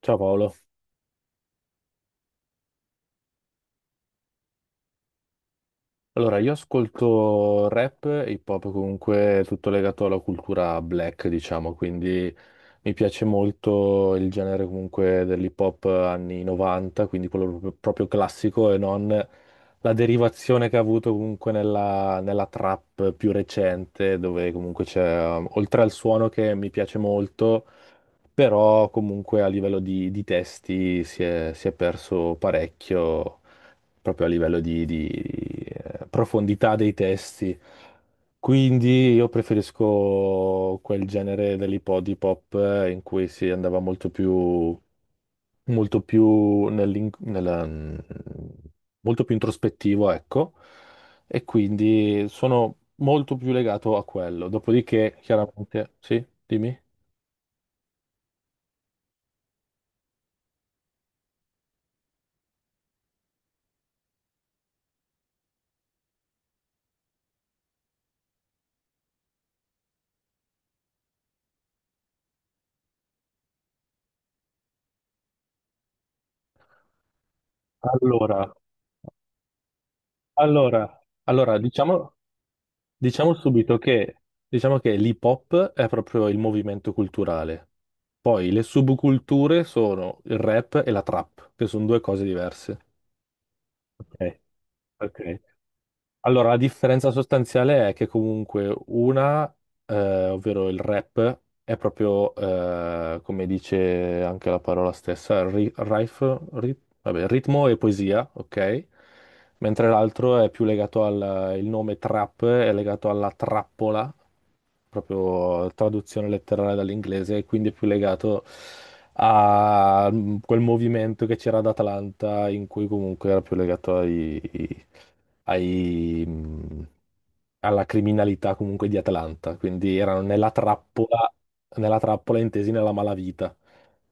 Ciao Paolo. Allora, io ascolto rap e hip hop comunque tutto legato alla cultura black, diciamo, quindi mi piace molto il genere comunque dell'hip hop anni 90, quindi quello proprio, proprio classico e non la derivazione che ha avuto comunque nella trap più recente, dove comunque c'è, oltre al suono che mi piace molto, però comunque a livello di testi si è perso parecchio proprio a livello di profondità dei testi. Quindi io preferisco quel genere dell'hip hop hip hop, in cui si andava molto più, molto più, molto più introspettivo, ecco, e quindi sono molto più legato a quello. Dopodiché, chiaramente, sì, dimmi. Allora, allora, allora, diciamo. Diciamo subito che, diciamo che l'hip hop è proprio il movimento culturale. Poi le subculture sono il rap e la trap, che sono due cose diverse. Ok, ok. Allora, la differenza sostanziale è che comunque una, ovvero il rap, è proprio, come dice anche la parola stessa, vabbè, ritmo e poesia, ok? Mentre l'altro è più legato il nome trap è legato alla trappola, proprio traduzione letterale dall'inglese, e quindi è più legato a quel movimento che c'era ad Atlanta, in cui comunque era più legato ai, mh, alla criminalità comunque di Atlanta, quindi erano nella trappola intesi nella malavita.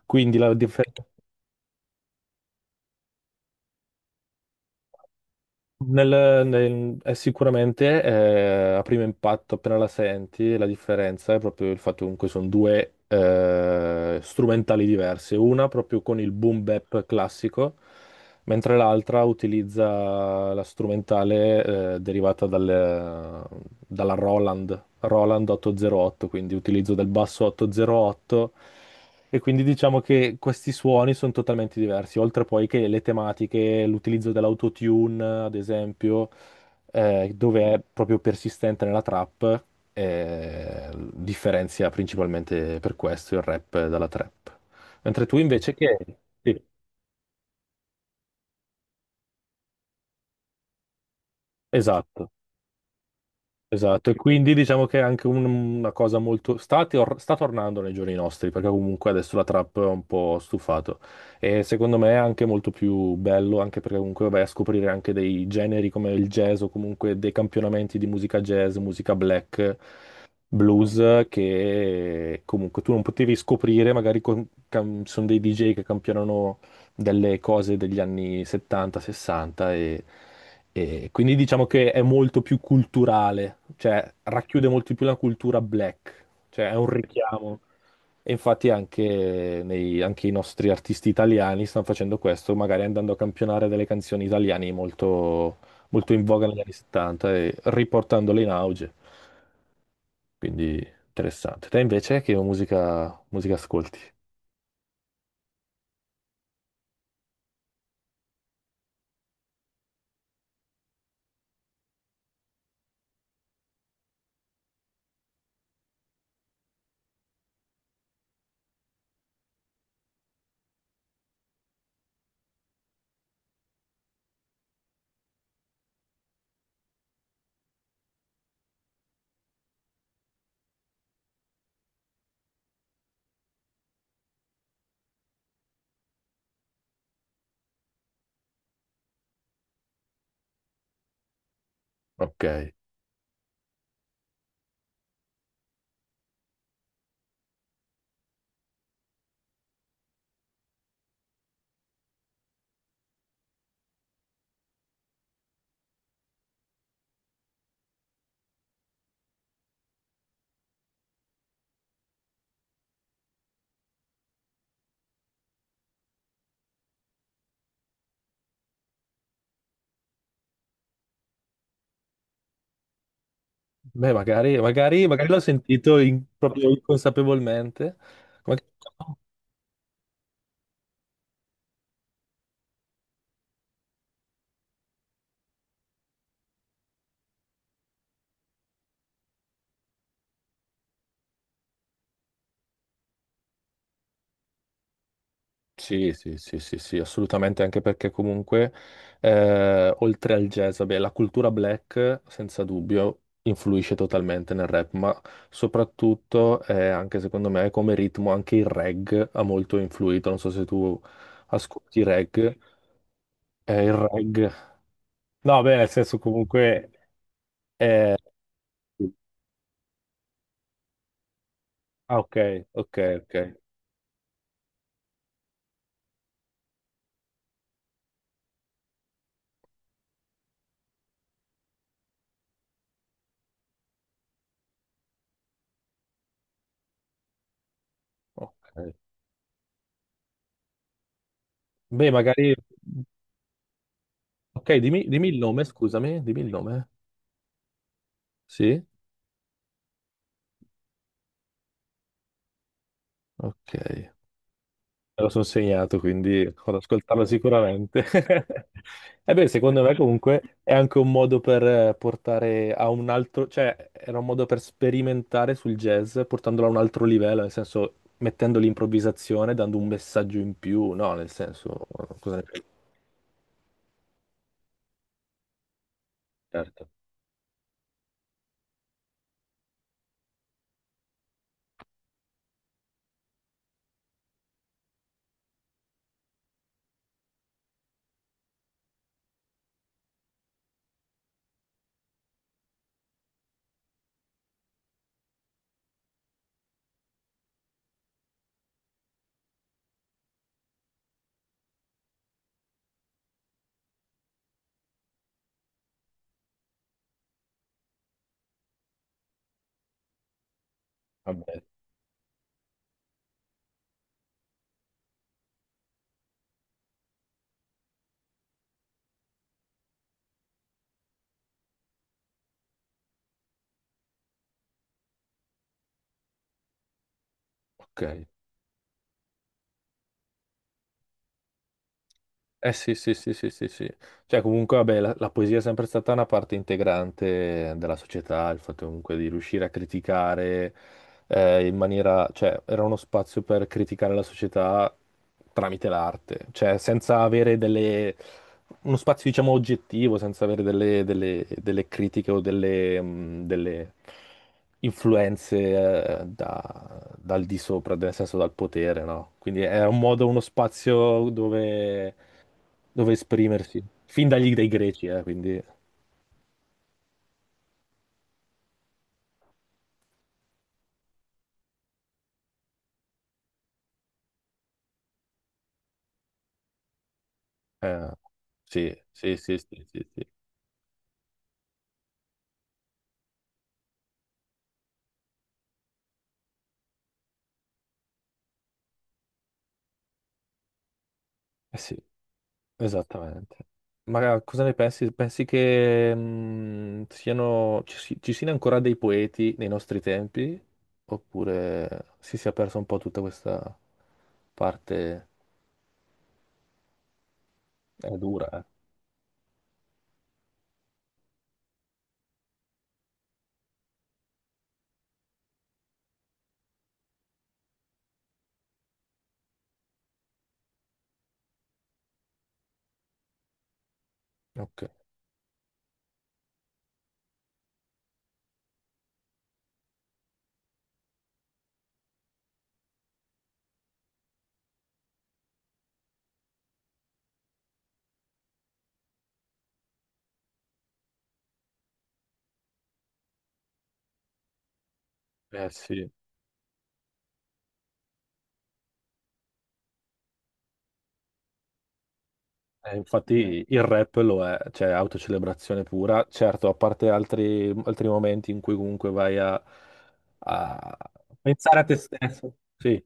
Quindi la differenza. Sicuramente a primo impatto, appena la senti, la differenza è proprio il fatto comunque sono due strumentali diverse, una proprio con il boom bap classico, mentre l'altra utilizza la strumentale derivata dalla Roland 808, quindi utilizzo del basso 808 e quindi diciamo che questi suoni sono totalmente diversi, oltre poi che le tematiche, l'utilizzo dell'autotune, ad esempio, dove è proprio persistente nella trap, differenzia principalmente per questo il rap dalla trap. Mentre tu invece che. Sì, esatto. Esatto, e quindi diciamo che è anche una cosa molto. Sta tornando nei giorni nostri, perché comunque adesso la trap è un po' stufato. E secondo me è anche molto più bello, anche perché comunque vai a scoprire anche dei generi come il jazz o comunque dei campionamenti di musica jazz, musica black, blues, che comunque tu non potevi scoprire, magari ci sono dei DJ che campionano delle cose degli anni 70, 60 e quindi diciamo che è molto più culturale, cioè racchiude molto più la cultura black, cioè è un richiamo. E infatti anche, anche i nostri artisti italiani stanno facendo questo, magari andando a campionare delle canzoni italiane molto, molto in voga negli anni 70 e riportandole in auge. Quindi interessante. Te invece che musica ascolti? Ok. Beh, magari, magari, magari l'ho sentito proprio inconsapevolmente. Ma- Sì, sì, sì, sì, sì, assolutamente, anche perché comunque, oltre al jazz, vabbè, la cultura black, senza dubbio, influisce totalmente nel rap, ma soprattutto, anche secondo me, come ritmo, anche il reg ha molto influito. Non so se tu ascolti reg, il reg. No, beh, nel senso comunque. eh, Ah, ok, ok, ok. Ok. Beh, magari. Ok, dimmi, dimmi il nome, scusami, dimmi il nome. Sì? Ok, me lo sono segnato, quindi ad ascoltarlo sicuramente. E beh, secondo me comunque è anche un modo per portare a un altro, cioè era un modo per sperimentare sul jazz, portandolo a un altro livello, nel senso mettendo l'improvvisazione, dando un messaggio in più, no, nel senso, "Oh, cosa ne pensi? Certo, vabbè, ok. Eh sì, sì, sì, sì, sì, sì. Cioè comunque, vabbè, la poesia è sempre stata una parte integrante della società, il fatto comunque di riuscire a criticare in maniera, cioè era uno spazio per criticare la società tramite l'arte, cioè senza avere delle uno spazio, diciamo, oggettivo, senza avere delle critiche o delle influenze dal di sopra, nel senso dal potere, no? Quindi è un modo, uno spazio dove esprimersi, fin dagli dai greci, quindi eh, sì, sì, sì, sì, sì, sì. Eh sì. Esattamente. Ma cosa ne pensi? Pensi che ci siano ancora dei poeti nei nostri tempi? Oppure si sia persa un po' tutta questa parte? È dura, eh. Ok. Eh sì. Infatti il rap lo è, cioè autocelebrazione pura. Certo, a parte altri momenti in cui comunque vai a pensare a te stesso. Sì.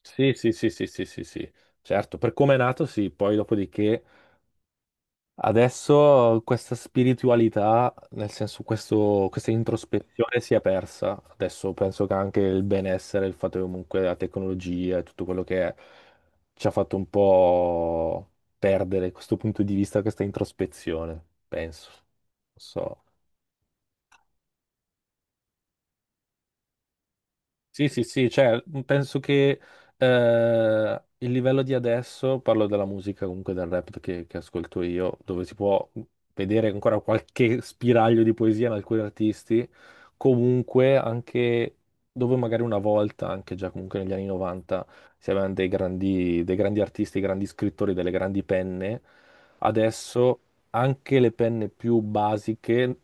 Sì, sì, sì, sì, sì, sì, sì, certo, per come è nato, sì, poi dopodiché adesso questa spiritualità, nel senso questa introspezione si è persa, adesso penso che anche il benessere, il fatto che comunque la tecnologia e tutto quello che è, ci ha fatto un po' perdere questo punto di vista, questa introspezione, penso, non so. Sì, sì, sì, cioè, penso che il livello di adesso, parlo della musica, comunque del rap che ascolto io, dove si può vedere ancora qualche spiraglio di poesia in alcuni artisti, comunque anche dove magari una volta, anche già comunque negli anni 90, si avevano dei grandi artisti, dei grandi scrittori, delle grandi penne, adesso anche le penne più basiche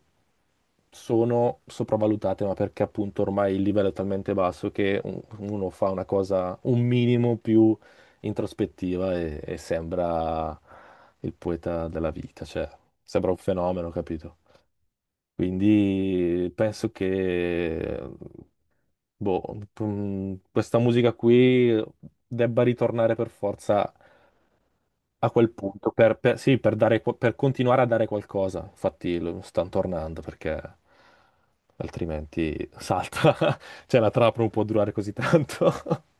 sono sopravvalutate, ma perché appunto ormai il livello è talmente basso che uno fa una cosa un minimo più introspettiva e sembra il poeta della vita, cioè sembra un fenomeno, capito? Quindi penso che boh, questa musica qui debba ritornare per forza a quel punto sì, per dare, per continuare a dare qualcosa. Infatti lo stanno tornando perché altrimenti salta. Cioè la trappola non può durare così tanto.